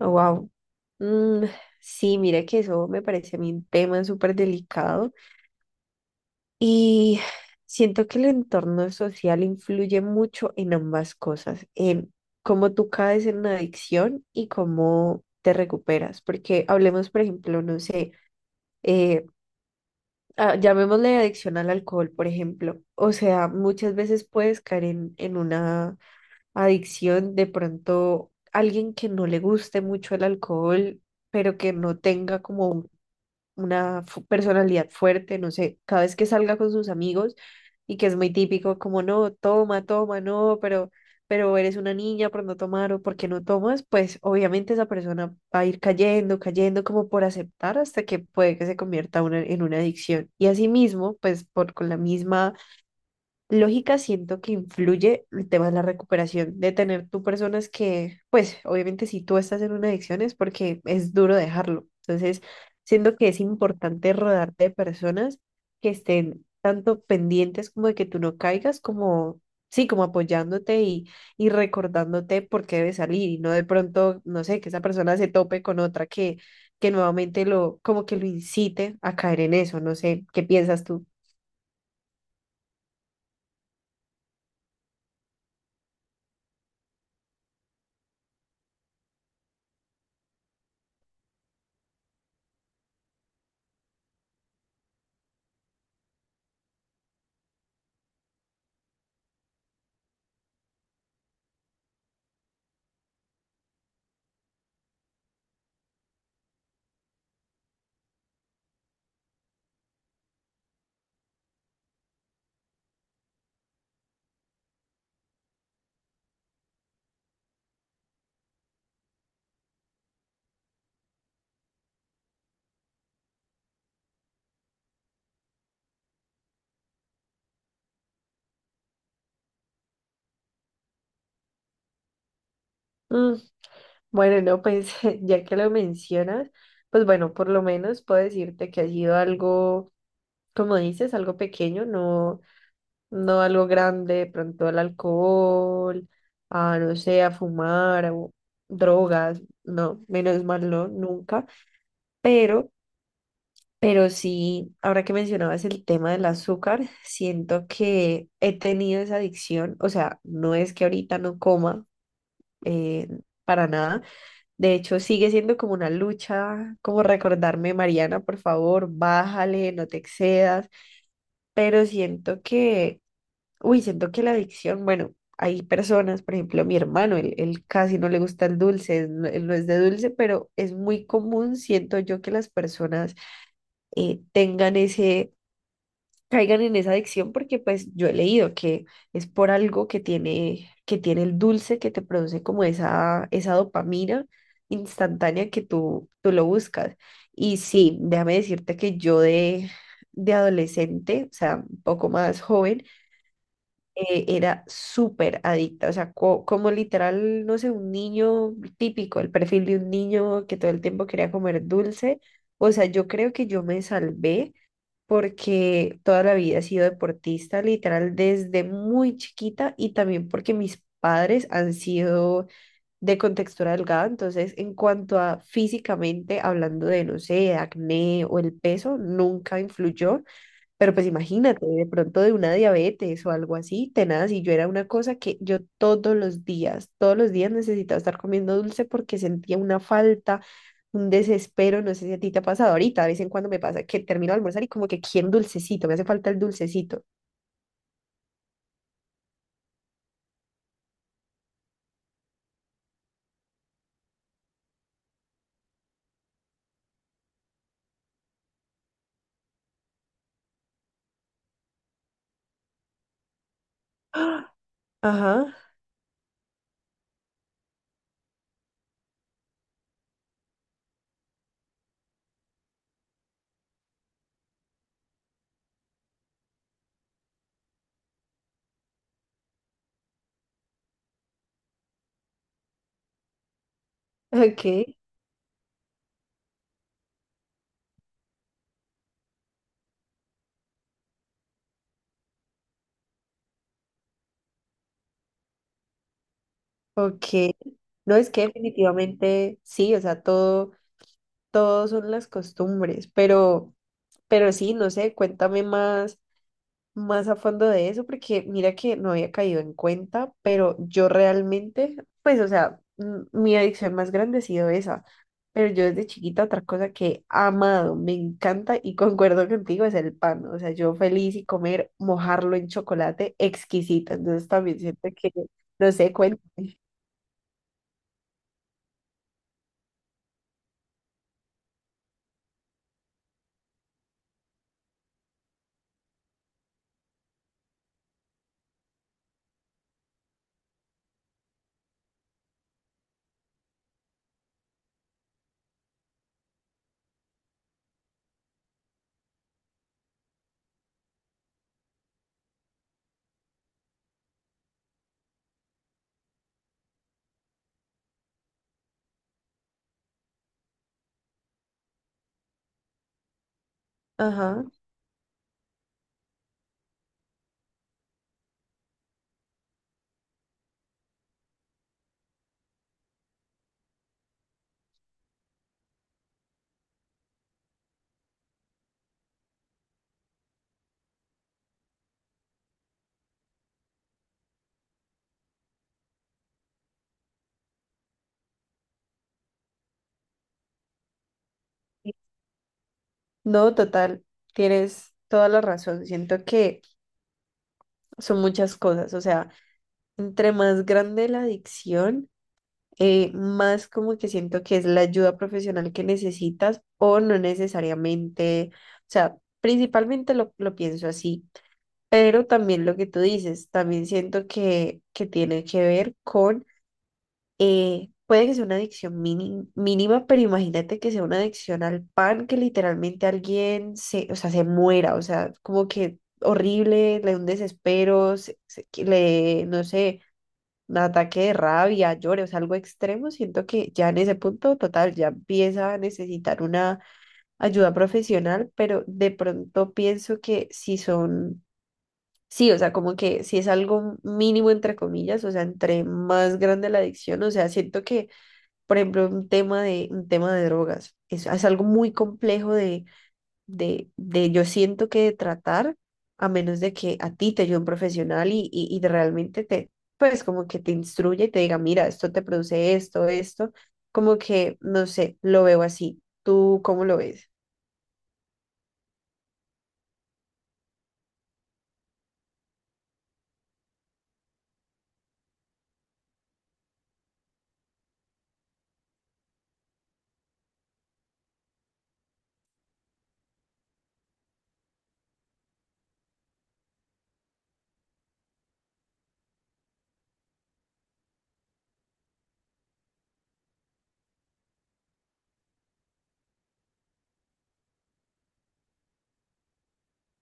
Wow. Sí, mire que eso me parece a mí un tema súper delicado y siento que el entorno social influye mucho en ambas cosas, en cómo tú caes en una adicción y cómo te recuperas. Porque hablemos, por ejemplo, no sé, eh, llamémosle adicción al alcohol, por ejemplo. O sea, muchas veces puedes caer en una adicción, de pronto alguien que no le guste mucho el alcohol, pero que no tenga como una personalidad fuerte, no sé, cada vez que salga con sus amigos y que es muy típico, como no, toma, toma, no, pero eres una niña por no tomar o porque no tomas, pues obviamente esa persona va a ir cayendo, cayendo como por aceptar hasta que puede que se convierta en una adicción. Y asimismo, pues por con la misma lógica, siento que influye el tema de la recuperación, de tener tú personas que, pues obviamente si tú estás en una adicción es porque es duro dejarlo. Entonces, siento que es importante rodearte de personas que estén tanto pendientes como de que tú no caigas, como, sí, como apoyándote y recordándote por qué debes salir y no de pronto, no sé, que esa persona se tope con otra que nuevamente lo, como que lo incite a caer en eso, no sé, ¿qué piensas tú? Bueno, no, pues ya que lo mencionas, pues bueno, por lo menos puedo decirte que ha sido algo, como dices, algo pequeño, no, no algo grande, de pronto al alcohol, a no sé, a fumar, o drogas, no, menos mal no, nunca, pero, pero sí, ahora que mencionabas el tema del azúcar, siento que he tenido esa adicción, o sea, no es que ahorita no coma, eh, para nada. De hecho, sigue siendo como una lucha, como recordarme, Mariana, por favor, bájale, no te excedas, pero siento que, uy, siento que la adicción, bueno, hay personas, por ejemplo, mi hermano, él casi no le gusta el dulce, él no es de dulce, pero es muy común, siento yo, que las personas tengan ese, caigan en esa adicción porque pues yo he leído que es por algo que tiene el dulce que te produce como esa dopamina instantánea que tú lo buscas. Y sí, déjame decirte que yo de adolescente, o sea, un poco más joven, era súper adicta, o sea, como literal, no sé, un niño típico, el perfil de un niño que todo el tiempo quería comer dulce. O sea, yo creo que yo me salvé porque toda la vida he sido deportista, literal, desde muy chiquita y también porque mis padres han sido de contextura delgada, entonces en cuanto a físicamente, hablando de, no sé, acné o el peso, nunca influyó, pero pues imagínate, de pronto de una diabetes o algo así, tenaz, y yo era una cosa que yo todos los días necesitaba estar comiendo dulce porque sentía una falta, un desespero, no sé si a ti te ha pasado ahorita, de vez en cuando me pasa que termino de almorzar y como que quiero un dulcecito, me hace falta el dulcecito. ¡Ah! Ajá, ok, ok. No, es que definitivamente sí, o sea, todo, todo son las costumbres, pero sí, no sé, cuéntame más, más a fondo de eso, porque mira que no había caído en cuenta, pero yo realmente, pues, o sea, mi adicción más grande ha sido esa. Pero yo desde chiquita otra cosa que he amado, me encanta y concuerdo contigo es el pan. O sea, yo feliz y comer, mojarlo en chocolate, exquisito. Entonces también siento que, no sé, cuéntame. Ajá. No, total, tienes toda la razón. Siento que son muchas cosas. O sea, entre más grande la adicción, más como que siento que es la ayuda profesional que necesitas o no necesariamente, o sea, principalmente lo pienso así, pero también lo que tú dices, también siento que tiene que ver con, puede que sea una adicción mínima, pero imagínate que sea una adicción al pan, que literalmente alguien se, o sea, se muera, o sea, como que horrible, le da un desespero, que le, no sé, un ataque de rabia, llore, o sea, algo extremo, siento que ya en ese punto total ya empieza a necesitar una ayuda profesional, pero de pronto pienso que si son, sí, o sea, como que si es algo mínimo entre comillas, o sea, entre más grande la adicción, o sea, siento que, por ejemplo, un tema de drogas, es algo muy complejo de de yo siento que de tratar, a menos de que a ti te ayude un profesional y de realmente te, pues como que te instruya y te diga, mira, esto te produce esto, esto, como que, no sé, lo veo así. ¿Tú cómo lo ves?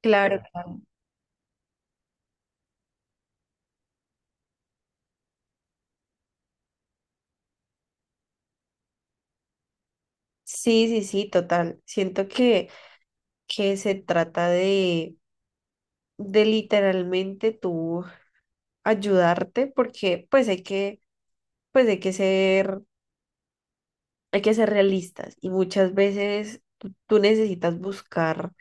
Claro, claro. Sí, sí, sí, total. Siento que se trata de literalmente tú ayudarte porque pues hay que ser realistas y muchas veces tú necesitas buscar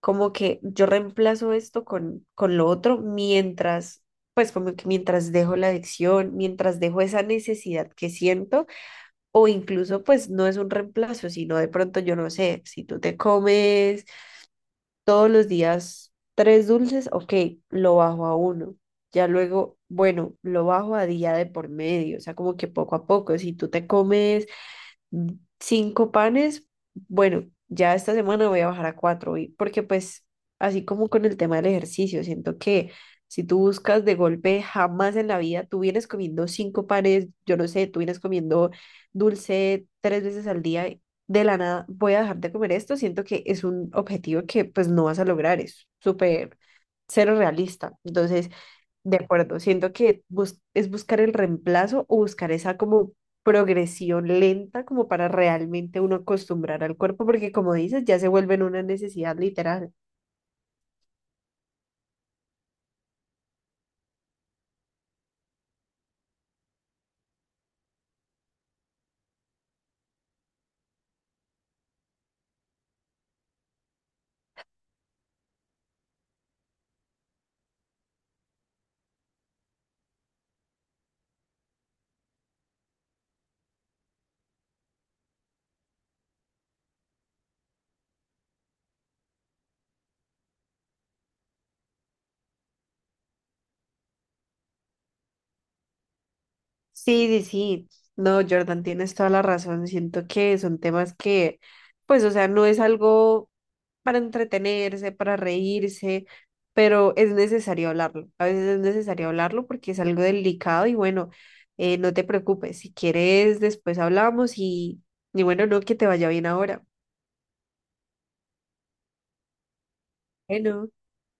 como que yo reemplazo esto con lo otro mientras, pues como que mientras dejo la adicción, mientras dejo esa necesidad que siento, o incluso pues no es un reemplazo, sino de pronto yo no sé, si tú te comes todos los días 3 dulces, ok, lo bajo a uno. Ya luego, bueno, lo bajo a día de por medio, o sea, como que poco a poco, si tú te comes mm, 5 panes. Bueno, ya esta semana voy a bajar a 4, porque pues así como con el tema del ejercicio, siento que si tú buscas de golpe, jamás en la vida tú vienes comiendo 5 panes, yo no sé, tú vienes comiendo dulce 3 veces al día, y de la nada voy a dejar de comer esto, siento que es un objetivo que pues no vas a lograr, es súper cero realista. Entonces... De acuerdo, siento que es buscar el reemplazo o buscar esa como progresión lenta como para realmente uno acostumbrar al cuerpo, porque como dices, ya se vuelve en una necesidad literal. Sí, sí, sí. No, Jordan, tienes toda la razón. Siento que son temas que, pues, o sea, no es algo para entretenerse, para reírse, pero es necesario hablarlo. A veces es necesario hablarlo porque es algo delicado y bueno, no te preocupes. Si quieres, después hablamos y bueno, no, que te vaya bien ahora. Bueno.